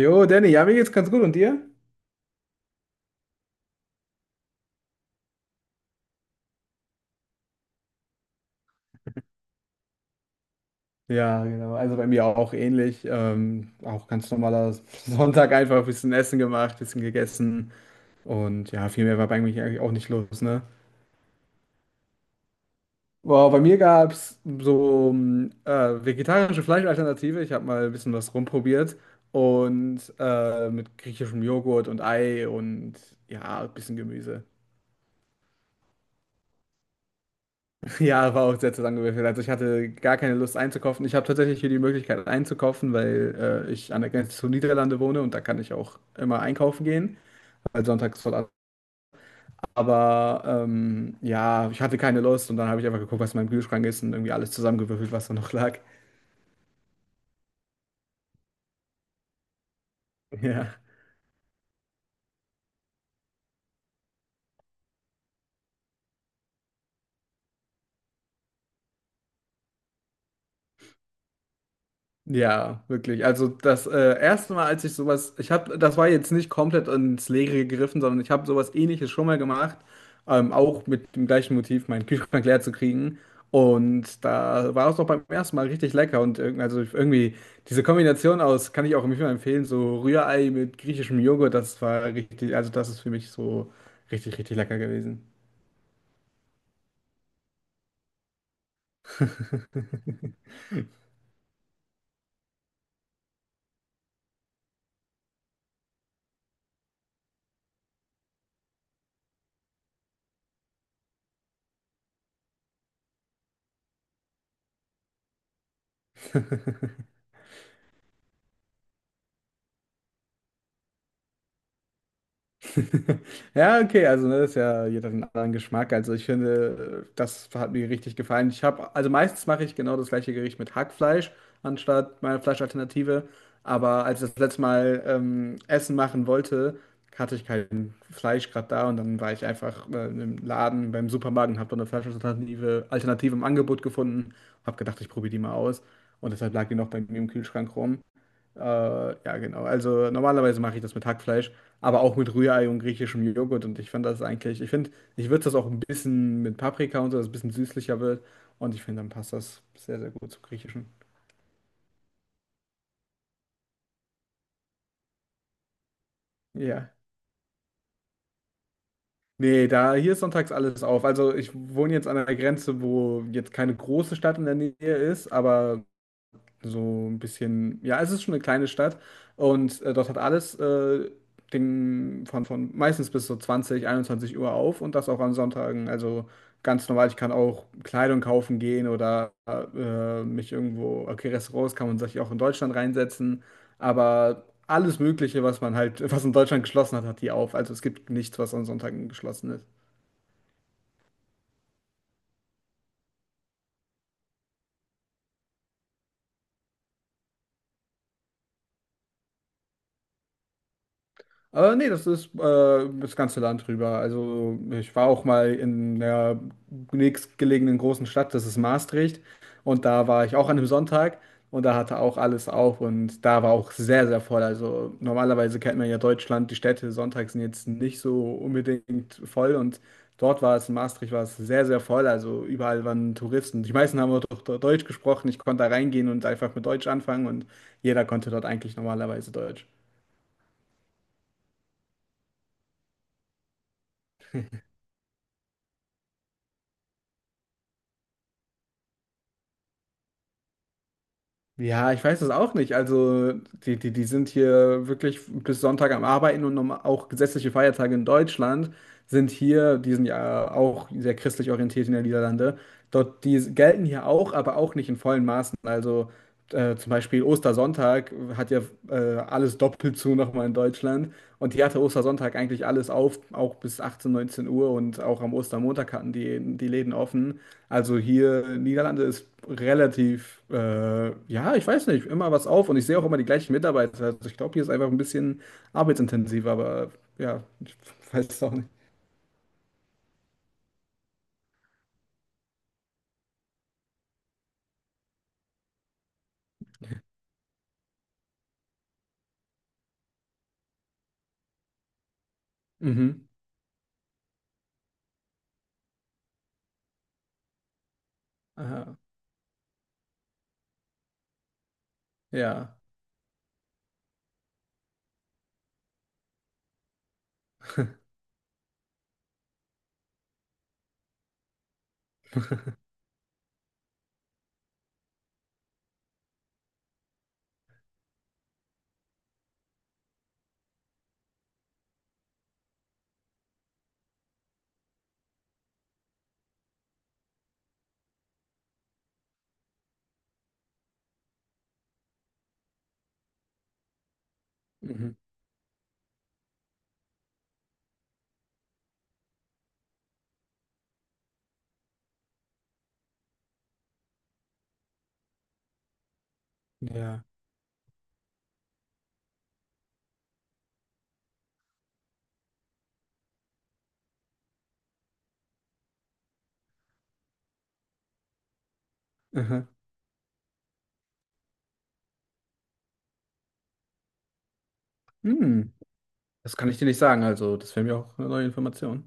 Jo, Danny, ja, mir geht's ganz gut. Und dir? Ja, genau. Also bei mir auch ähnlich. Auch ganz normaler Sonntag einfach ein bisschen Essen gemacht, bisschen gegessen. Und ja, viel mehr war bei mir eigentlich auch nicht los, ne? Boah, bei mir gab es so vegetarische Fleischalternative. Ich habe mal ein bisschen was rumprobiert. Und mit griechischem Joghurt und Ei und ja, ein bisschen Gemüse. Ja, war auch sehr zusammengewürfelt. Also ich hatte gar keine Lust einzukaufen. Ich habe tatsächlich hier die Möglichkeit einzukaufen, weil ich an der Grenze zu Niederlande wohne und da kann ich auch immer einkaufen gehen, weil sonntags voll ab. Aber ja, ich hatte keine Lust und dann habe ich einfach geguckt, was in meinem Kühlschrank ist und irgendwie alles zusammengewürfelt, was da noch lag. Ja. Ja, wirklich. Also das erste Mal, als ich sowas, ich habe, das war jetzt nicht komplett ins Leere gegriffen, sondern ich habe sowas Ähnliches schon mal gemacht, auch mit dem gleichen Motiv, meinen Kühlschrank leer zu kriegen. Und da war es doch beim ersten Mal richtig lecker und also irgendwie diese Kombination aus, kann ich auch immer empfehlen, so Rührei mit griechischem Joghurt, das war richtig, also das ist für mich so richtig, richtig lecker gewesen. Ja, okay, also ne, das ist ja jeder hat einen anderen Geschmack. Also ich finde, das hat mir richtig gefallen. Ich habe, also meistens mache ich genau das gleiche Gericht mit Hackfleisch anstatt meiner Fleischalternative. Aber als ich das letzte Mal Essen machen wollte, hatte ich kein Fleisch gerade da und dann war ich einfach im Laden beim Supermarkt und habe dann eine Fleischalternative Alternative im Angebot gefunden. Habe gedacht, ich probiere die mal aus und deshalb lag die noch bei mir im Kühlschrank rum. Ja, genau. Also normalerweise mache ich das mit Hackfleisch, aber auch mit Rührei und griechischem Joghurt. Und ich finde das eigentlich, ich finde, ich würze das auch ein bisschen mit Paprika und so, dass es ein bisschen süßlicher wird. Und ich finde, dann passt das sehr, sehr gut zum Griechischen. Ja. Nee, da hier ist sonntags alles auf. Also ich wohne jetzt an einer Grenze, wo jetzt keine große Stadt in der Nähe ist, aber so ein bisschen, ja, es ist schon eine kleine Stadt und dort hat alles den, von meistens bis so 20, 21 Uhr auf und das auch an Sonntagen. Also ganz normal, ich kann auch Kleidung kaufen gehen oder mich irgendwo, okay, Restaurants kann man sich auch in Deutschland reinsetzen, aber alles Mögliche, was man halt, was in Deutschland geschlossen hat, hat die auf. Also es gibt nichts, was an Sonntagen geschlossen ist. Nee, das ist das ganze Land rüber. Also ich war auch mal in der nächstgelegenen großen Stadt, das ist Maastricht. Und da war ich auch an einem Sonntag und da hatte auch alles auf und da war auch sehr, sehr voll. Also normalerweise kennt man ja Deutschland, die Städte sonntags sind jetzt nicht so unbedingt voll und dort war es, in Maastricht war es sehr, sehr voll. Also überall waren Touristen. Die meisten haben auch doch Deutsch gesprochen. Ich konnte da reingehen und einfach mit Deutsch anfangen und jeder konnte dort eigentlich normalerweise Deutsch. Ja, ich weiß es auch nicht. Also, die sind hier wirklich bis Sonntag am Arbeiten und auch gesetzliche Feiertage in Deutschland sind hier, die sind ja auch sehr christlich orientiert in den Niederlande. Dort, die gelten hier auch, aber auch nicht in vollen Maßen. Also, zum Beispiel Ostersonntag hat ja alles doppelt zu nochmal in Deutschland. Und die hatte Ostersonntag eigentlich alles auf, auch bis 18, 19 Uhr und auch am Ostermontag hatten die Läden offen. Also hier in Niederlande ist relativ, ja, ich weiß nicht, immer was auf und ich sehe auch immer die gleichen Mitarbeiter. Also ich glaube, hier ist einfach ein bisschen arbeitsintensiver, aber ja, ich weiß es auch nicht. Mhm. Aha. Ja. Mhm. Ja. Aha. Hm. Das kann ich dir nicht sagen, also das wäre mir auch eine neue Information.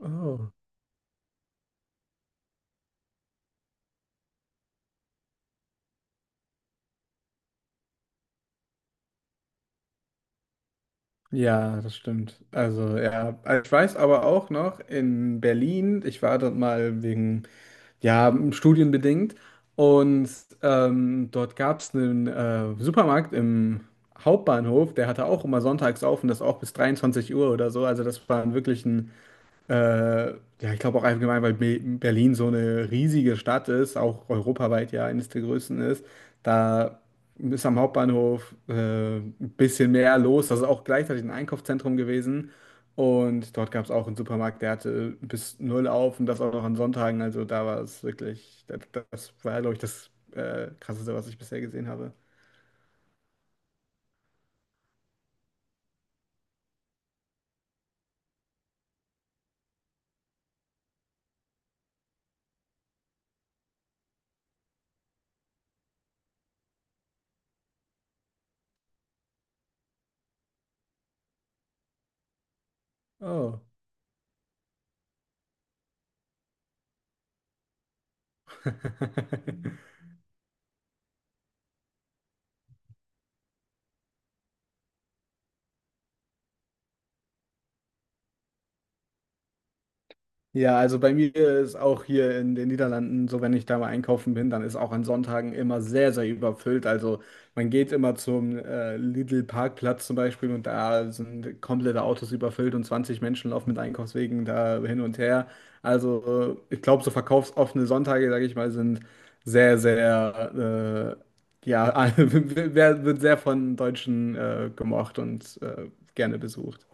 Oh. Ja, das stimmt. Also ja, ich weiß aber auch noch in Berlin, ich war dort mal wegen, ja, studienbedingt und dort gab es einen Supermarkt im Hauptbahnhof, der hatte auch immer sonntags auf und das auch bis 23 Uhr oder so. Also das war wirklich ein äh, ja, ich glaube auch allgemein, weil Be Berlin so eine riesige Stadt ist, auch europaweit ja eines der größten ist, da ist am Hauptbahnhof ein bisschen mehr los. Das ist auch gleichzeitig ein Einkaufszentrum gewesen. Und dort gab es auch einen Supermarkt, der hatte bis 0 auf und das auch noch an Sonntagen. Also da war es wirklich, das war, glaube ich, das Krasseste, was ich bisher gesehen habe. Oh. Ja, also bei mir ist auch hier in den Niederlanden so, wenn ich da mal einkaufen bin, dann ist auch an Sonntagen immer sehr, sehr überfüllt. Also man geht immer zum Lidl-Parkplatz zum Beispiel und da sind komplette Autos überfüllt und 20 Menschen laufen mit Einkaufswegen da hin und her. Also ich glaube, so verkaufsoffene Sonntage, sage ich mal, sind sehr, sehr, ja, wird sehr von Deutschen gemocht und gerne besucht.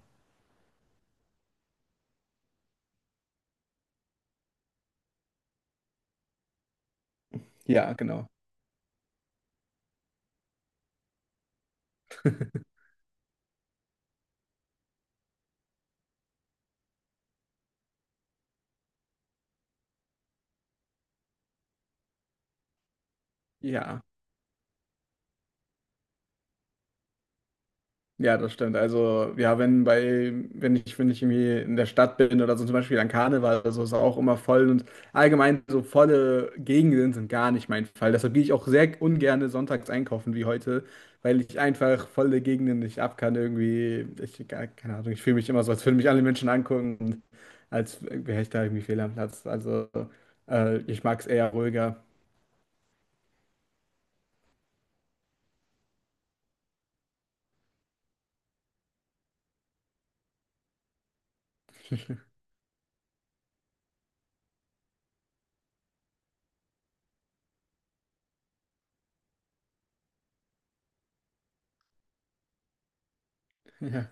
Ja, genau. Ja. Ja, das stimmt. Also, ja, wenn ich irgendwie in der Stadt bin oder so zum Beispiel an Karneval oder so, ist auch immer voll und allgemein so volle Gegenden sind gar nicht mein Fall. Deshalb gehe ich auch sehr ungern sonntags einkaufen wie heute, weil ich einfach volle Gegenden nicht ab kann irgendwie. Keine Ahnung, ich fühle mich immer so, als würden mich alle Menschen angucken und als wäre ich da irgendwie fehl am Platz. Also, ich mag es eher ruhiger. Ja.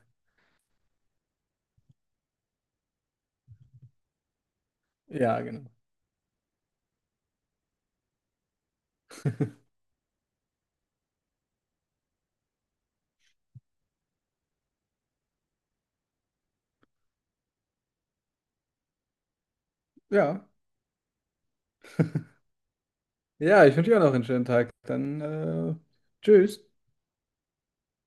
Ja, genau. Ja. Ja, ich wünsche dir auch noch einen schönen Tag. Dann, tschüss.